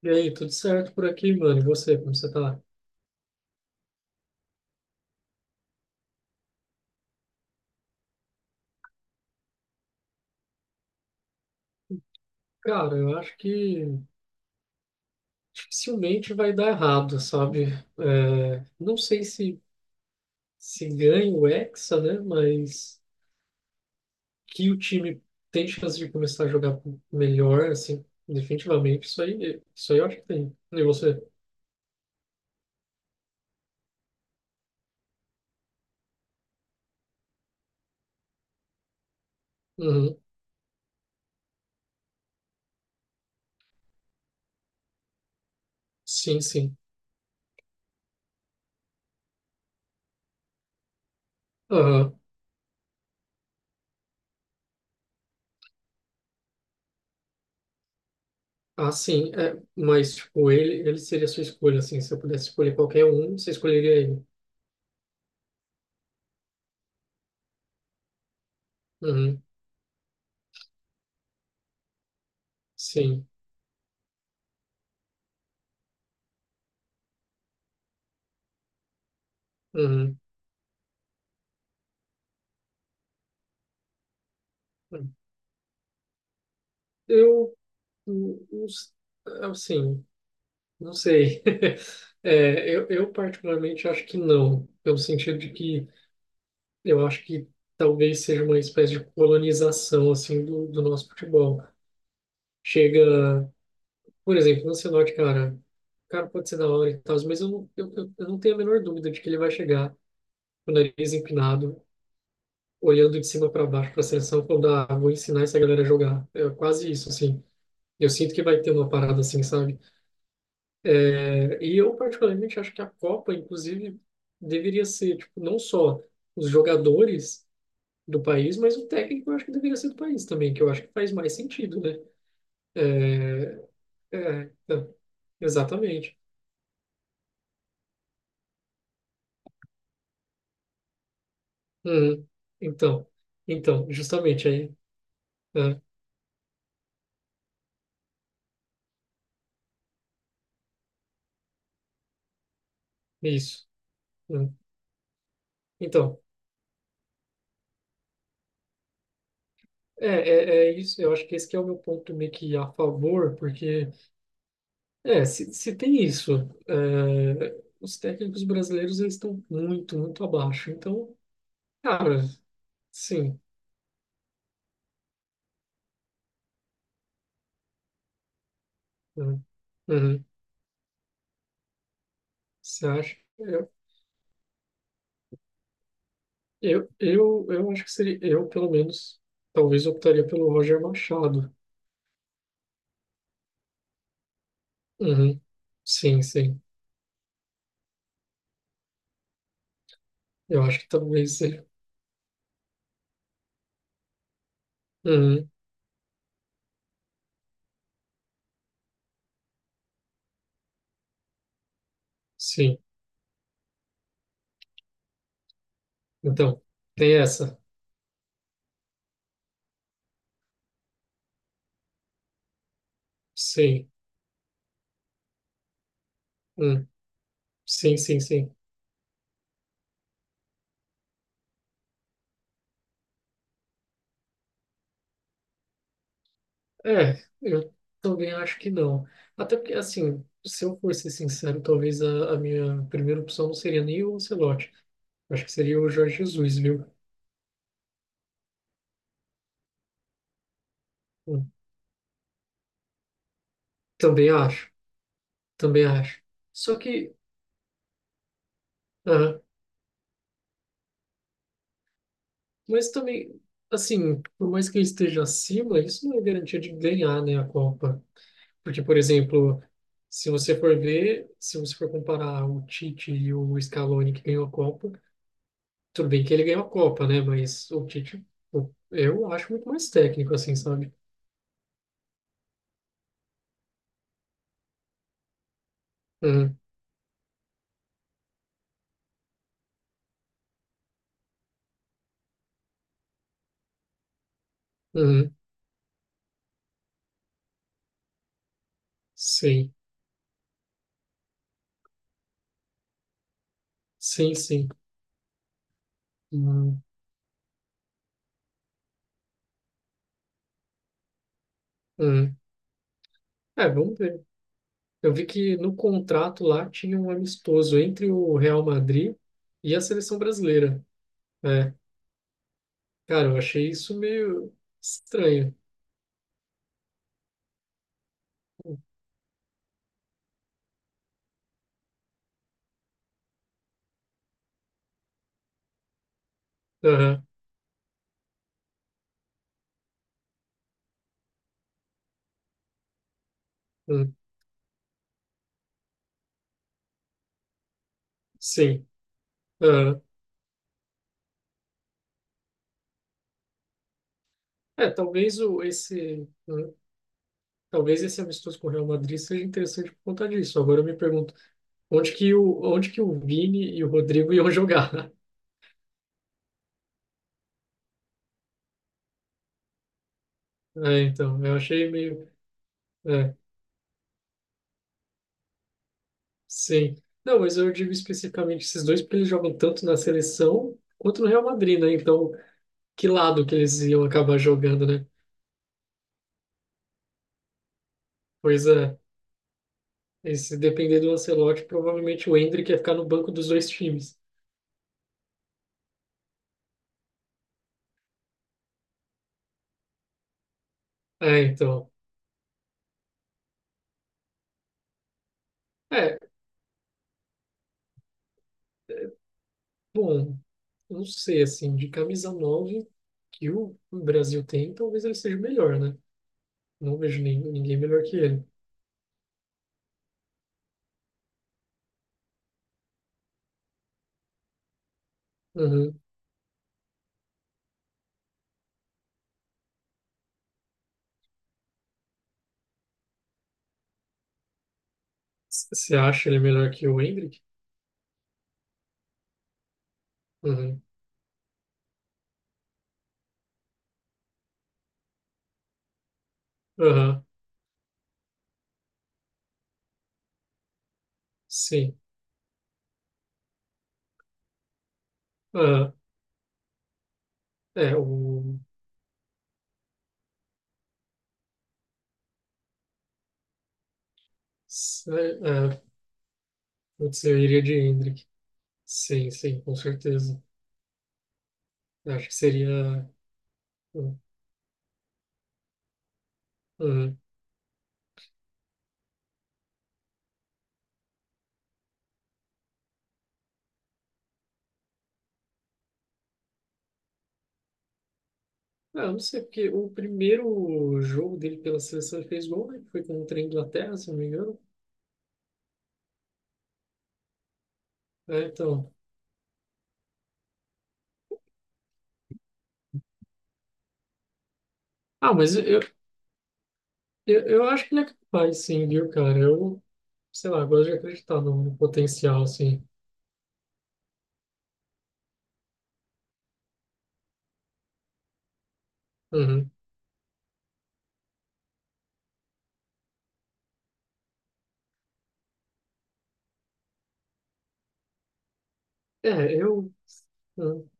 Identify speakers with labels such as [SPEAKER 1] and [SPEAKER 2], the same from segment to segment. [SPEAKER 1] E aí, tudo certo por aqui, mano? E você, como você tá? Cara, eu acho que dificilmente vai dar errado, sabe? É, não sei se ganha o Hexa, né? Mas que o time tem chance de começar a jogar melhor, assim, definitivamente, isso aí eu acho que tem. E você? Uhum. Sim, sim. Aham. Ah, sim. É, mas, tipo, ele seria a sua escolha, assim. Se eu pudesse escolher qualquer um, você escolheria ele. Uhum. Sim. Uhum. Eu não s- Assim, não sei. É, eu particularmente acho que não, pelo sentido de que eu acho que talvez seja uma espécie de colonização assim do nosso futebol. Chega, por exemplo, no Ancelotti, cara, o cara pode ser da hora e tal, mas eu não tenho a menor dúvida de que ele vai chegar com o nariz empinado, olhando de cima para baixo para a seleção, falando, ah, vou ensinar essa galera a jogar. É quase isso, assim. Eu sinto que vai ter uma parada assim, sabe? É, e eu particularmente acho que a Copa, inclusive, deveria ser, tipo, não só os jogadores do país, mas o técnico eu acho que deveria ser do país também, que eu acho que faz mais sentido, né? É, é, é, exatamente. Uhum. Então, então, justamente aí, né? Isso. Uhum. Então, é isso. Eu acho que esse que é o meu ponto meio que a favor, porque é, se tem isso, é, os técnicos brasileiros eles estão muito, muito abaixo. Então, cara, sim, né? Uhum. Você acha? Eu acho que seria, eu pelo menos, talvez optaria pelo Roger Machado. Uhum. Sim, sim. Eu acho que talvez seja. Uhum. Sim. Então, tem essa. Sim. Hum. Sim, sim, sim. É, eu também acho que não. Até porque, assim, se eu for ser sincero, talvez a minha primeira opção não seria nem o Ancelotti. Eu acho que seria o Jorge Jesus, viu? Hum, Também acho, também acho. Só que, ah, mas também, assim, por mais que ele esteja acima, isso não é garantia de ganhar, né, a Copa. Porque, por exemplo, se você for ver, se você for comparar o Tite e o Scaloni que ganhou a Copa, tudo bem que ele ganhou a Copa, né? Mas o Tite, eu acho muito mais técnico, assim, sabe? Uhum, uhum, sim, sim, sim. Uhum, uhum. É, vamos ver. Eu vi que no contrato lá tinha um amistoso entre o Real Madrid e a seleção brasileira. É, cara, eu achei isso meio estranho. Aham, uhum, sim. Aham. É, talvez esse amistoso com o Real Madrid seja interessante por conta disso. Agora eu me pergunto onde que o Vini e o Rodrigo iam jogar. É, então, eu achei meio. É, sim. Não, mas eu digo especificamente esses dois, porque eles jogam tanto na seleção quanto no Real Madrid, né? Então, que lado que eles iam acabar jogando, né? Pois é, e se depender do Ancelotti, provavelmente o Endrick ia ficar no banco dos dois times. É, então. É, bom, eu não sei, assim, de camisa 9 que o Brasil tem, talvez ele seja o melhor, né? Não vejo ninguém melhor que ele. Uhum. Você acha ele melhor que o Hendrick? Uhum. Aham, sim. Aham. É, o. se- É, putz, eu iria de Hendrick. Sim, sim, com certeza. Eu acho que seria. Uhum. Uhum. Ah, eu não sei, porque o primeiro jogo dele pela seleção ele fez gol, né? Foi contra a Inglaterra, se não me engano. É, então. Ah, mas eu acho que ele é capaz, sim, viu, cara? Eu, sei lá, gosto de acreditar no potencial, assim. Uhum. É, eu. Uhum.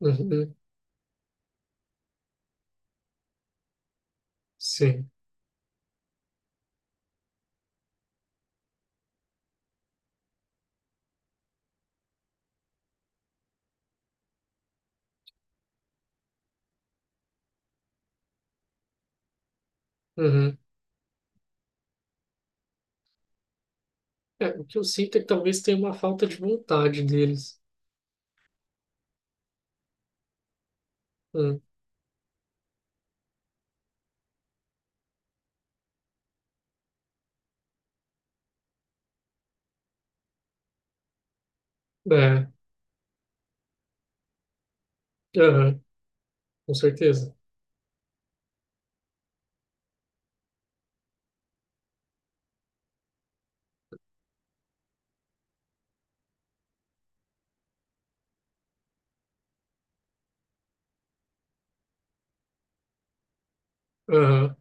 [SPEAKER 1] Uhum. Sim. Uhum. É, o que eu sinto é que talvez tenha uma falta de vontade deles. Hum. É, aham, com certeza. Aham.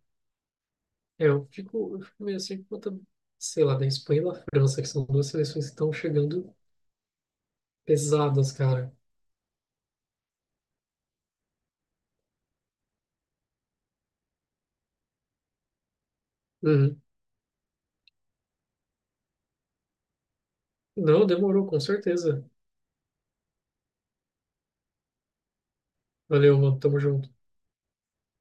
[SPEAKER 1] É, eu fico meio assim por conta, sei lá, da Espanha e da França, que são duas seleções que estão chegando pesadas, cara. Uhum. Não, demorou, com certeza. Valeu, mano. Tamo junto.